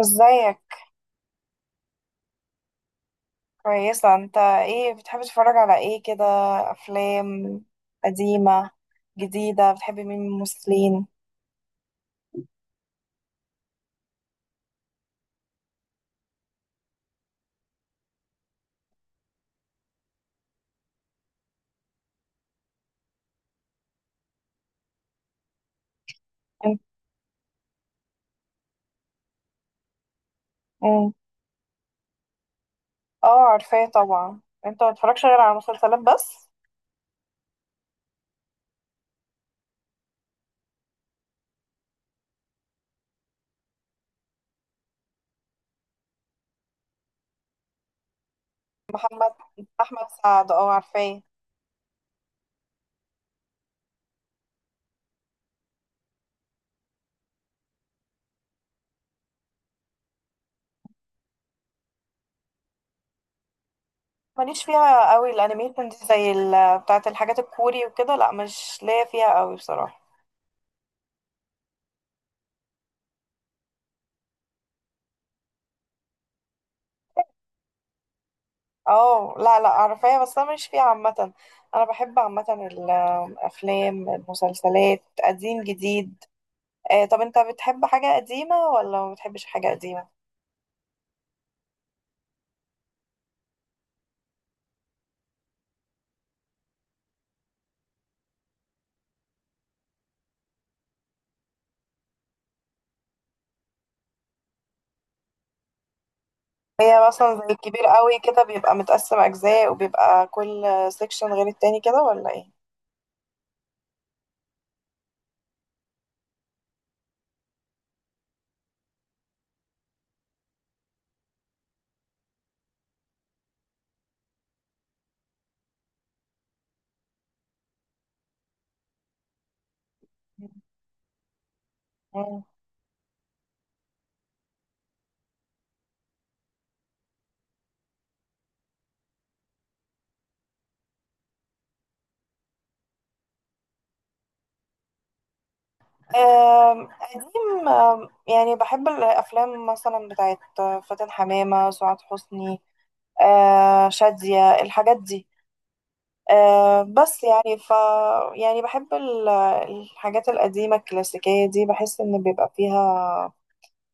ازيك؟ كويسة. انت ايه بتحب تتفرج على ايه كده؟ افلام قديمة، جديدة؟ بتحب مين من الممثلين؟ انت- مم. اه، عارفاه طبعا. انت ما بتتفرجش غير على مسلسلات بس؟ محمد احمد سعد، اه عارفاه. ماليش فيها قوي الانيميشن دي، زي بتاعه الحاجات الكوري وكده. لا مش ليا فيها قوي بصراحه. اه لا لا، عارفاها بس انا ماليش فيها عامه. انا بحب عامه الافلام، المسلسلات، قديم جديد. طب انت بتحب حاجه قديمه ولا ما بتحبش حاجه قديمه؟ هي مثلا زي الكبير قوي كده بيبقى متقسم اجزاء، وبيبقى كل سيكشن غير التاني كده ولا ايه؟ قديم، يعني بحب الأفلام مثلا بتاعت فاتن حمامة، سعاد حسني، شادية، الحاجات دي، بس يعني يعني بحب الحاجات القديمة الكلاسيكية دي. بحس إن بيبقى فيها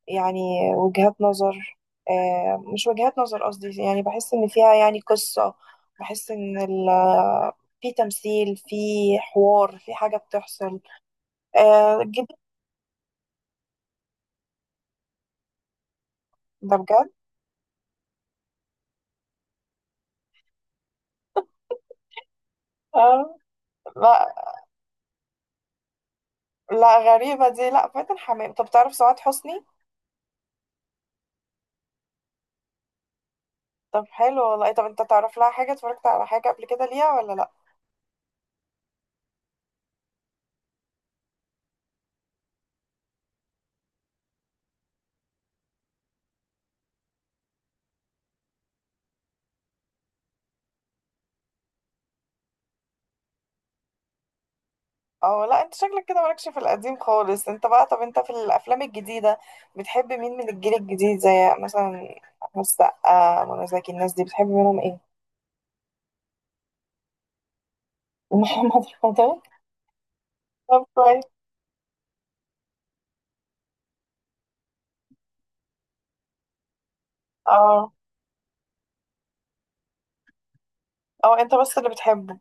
يعني وجهات نظر، مش وجهات نظر قصدي، يعني بحس إن فيها يعني قصة. بحس إن في تمثيل، في حوار، في حاجة بتحصل، الجديد ده. بجد؟ لا. لا، غريبة دي، لا فاتن حمام. طب تعرف سعاد حسني؟ طب حلو والله. طب انت تعرف لها حاجة، اتفرجت على حاجة قبل كده ليها ولا لا؟ اه لا، انت شكلك كده مالكش في القديم خالص انت بقى. طب انت في الافلام الجديدة بتحب مين من الجيل الجديد، زي مثلا احمد السقا، منى زكي، الناس دي بتحب منهم ايه؟ محمد رمضان؟ طب كويس. اه اه، انت بس اللي بتحبه.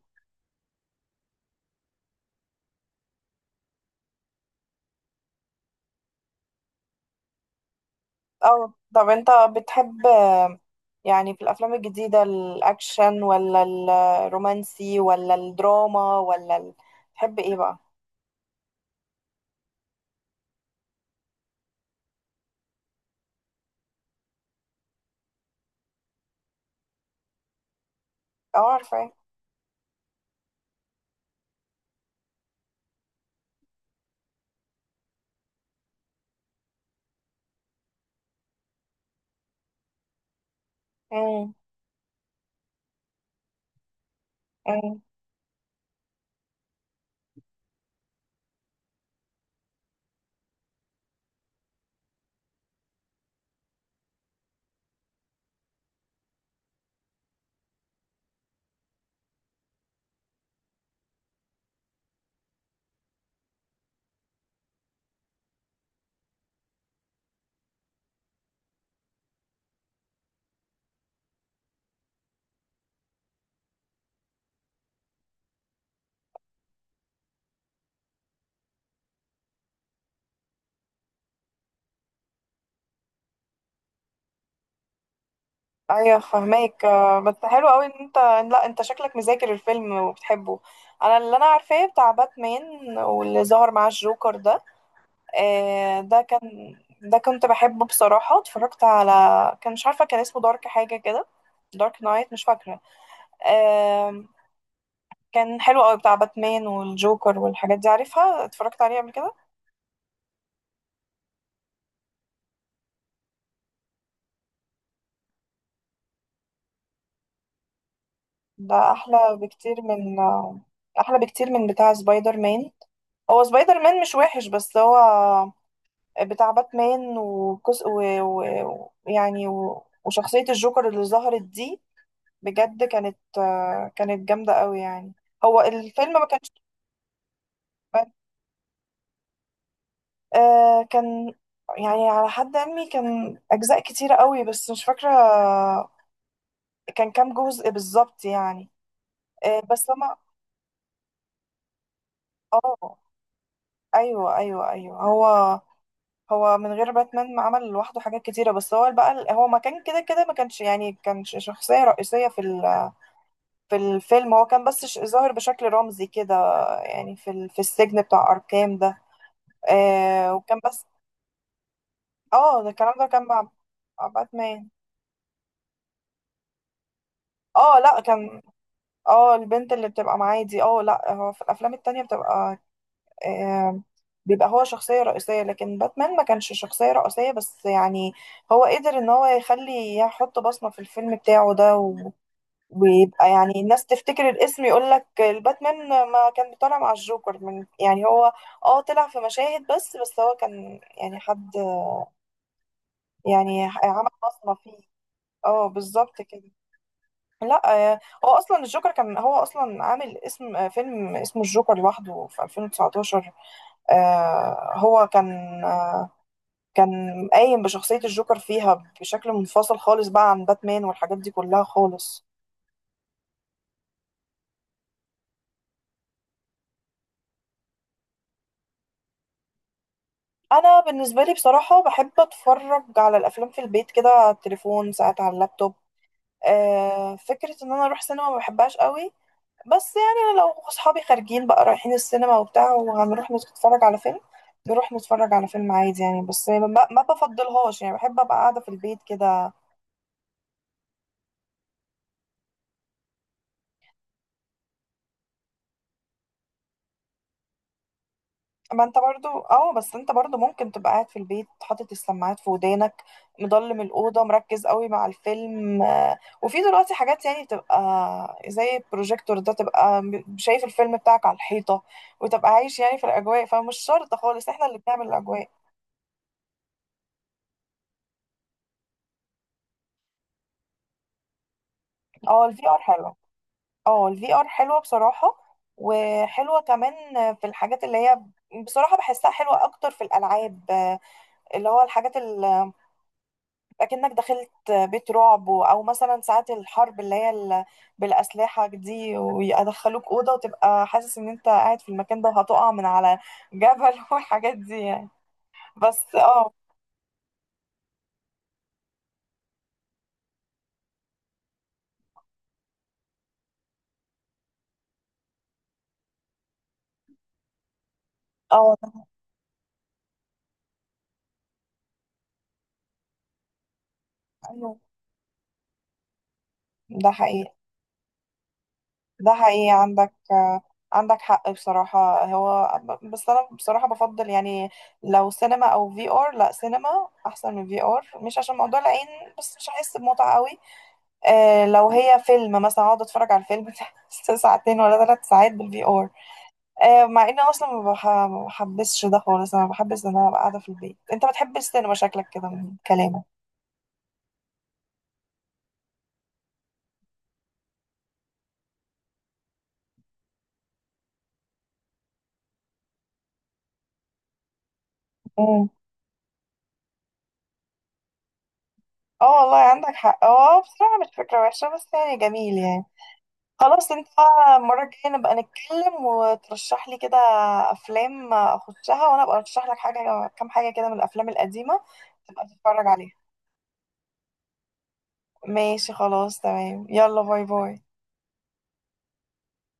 اه طب انت بتحب يعني، في الافلام الجديده، الاكشن ولا الرومانسي ولا الدراما ولا ال...؟ بتحب ايه بقى؟ اه عارفه. امم. امم. ايوه فهماك، بس حلو قوي ان انت... لا انت شكلك مذاكر الفيلم وبتحبه. انا اللي انا عارفاه بتاع باتمان واللي ظهر معاه الجوكر ده، آه، ده كان ده كنت بحبه بصراحه، اتفرجت على... كان مش عارفه كان اسمه دارك حاجه كده. دارك نايت مش فاكره؟ كان حلو قوي بتاع باتمان والجوكر والحاجات دي، عارفها، اتفرجت عليه قبل كده. ده احلى بكتير من... احلى بكتير من بتاع سبايدر مان. هو سبايدر مان مش وحش، بس هو بتاع باتمان وكس، و... و... يعني و... وشخصية الجوكر اللي ظهرت دي بجد كانت... كانت جامدة قوي يعني. هو الفيلم ما كانش، آه، كان يعني على حد علمي كان أجزاء كتيرة قوي، بس مش فاكرة كان كام جزء بالظبط يعني. بس لما... اه ايوه ايوه ايوه. هو من غير باتمان ما عمل لوحده حاجات كتيره، بس هو بقى، هو ما كان كده كده، ما كانش يعني، كان شخصيه رئيسيه في في الفيلم. هو كان بس ظاهر بشكل رمزي كده، يعني في في السجن بتاع اركام ده. آه، وكان بس... اه ده الكلام ده كان مع باتمان. اه لا كان، اه البنت اللي بتبقى معاه دي، اه لا هو في الافلام التانية بتبقى آه، بيبقى هو شخصية رئيسية، لكن باتمان ما كانش شخصية رئيسية، بس يعني هو قدر ان هو يخلي، يحط بصمة في الفيلم بتاعه ده ويبقى يعني الناس تفتكر الاسم يقول لك الباتمان. ما كان بيطلع مع الجوكر من، يعني هو اه طلع في مشاهد بس، هو كان يعني حد، يعني عمل بصمة فيه. اه بالظبط كده. لا هو اصلا الجوكر كان هو اصلا عامل اسم، فيلم اسمه الجوكر لوحده في 2019. هو كان قايم بشخصية الجوكر فيها بشكل منفصل خالص بقى عن باتمان والحاجات دي كلها خالص. أنا بالنسبة لي بصراحة بحب أتفرج على الأفلام في البيت كده، على التليفون ساعات، على اللابتوب. آه، فكرة إن أنا أروح سينما ما بحبهاش قوي. بس يعني لو أصحابي خارجين بقى رايحين السينما وبتاع، وهنروح نتفرج على فيلم، نروح نتفرج على فيلم عادي يعني، بس ما بفضلهاش يعني، بحب أبقى قاعدة في البيت كده. ما انت برضو، اه بس انت برضو ممكن تبقى قاعد في البيت، حاطط السماعات في ودانك، مضلم الأوضة، مركز قوي مع الفيلم. وفي دلوقتي حاجات يعني بتبقى زي البروجيكتور ده، تبقى شايف الفيلم بتاعك على الحيطة، وتبقى عايش يعني في الأجواء، فمش شرط خالص، احنا اللي بنعمل الأجواء. اه الفي ار حلو. اه الفي ار حلوة بصراحة، وحلوة كمان في الحاجات اللي هي، بصراحة بحسها حلوة أكتر في الألعاب. اللي هو الحاجات اكنك دخلت بيت رعب او مثلا ساعات الحرب اللي هي بالاسلحه دي، ويدخلوك اوضه وتبقى حاسس ان انت قاعد في المكان ده، وهتقع من على جبل والحاجات دي يعني. بس اه، اه ده حقيقي، ده حقيقي، ده حقيقي. عندك عندك حق بصراحة. هو بس أنا بصراحة بفضل يعني، لو سينما أو في ار، لا سينما أحسن من في ار، مش عشان موضوع العين بس، مش هحس بمتعة قوي لو هي فيلم مثلا، اقعد اتفرج على الفيلم ده ساعتين ولا 3 ساعات بالفي ار؟ آه، مع ان أنا اصلا ما بحبسش ده خالص، انا بحبس ان انا ابقى قاعده في البيت. انت بتحب السينما شكلك كده من كلامك. مم. اه والله عندك حق، اه بصراحه مش فكره وحشه، بس يعني جميل يعني. خلاص، انت بقى المره الجايه نبقى نتكلم وترشح لي كده افلام اخشها، وانا ابقى ارشح لك حاجه، كام حاجه كده من الافلام القديمه، تبقى تتفرج عليها. ماشي خلاص، تمام. يلا باي باي.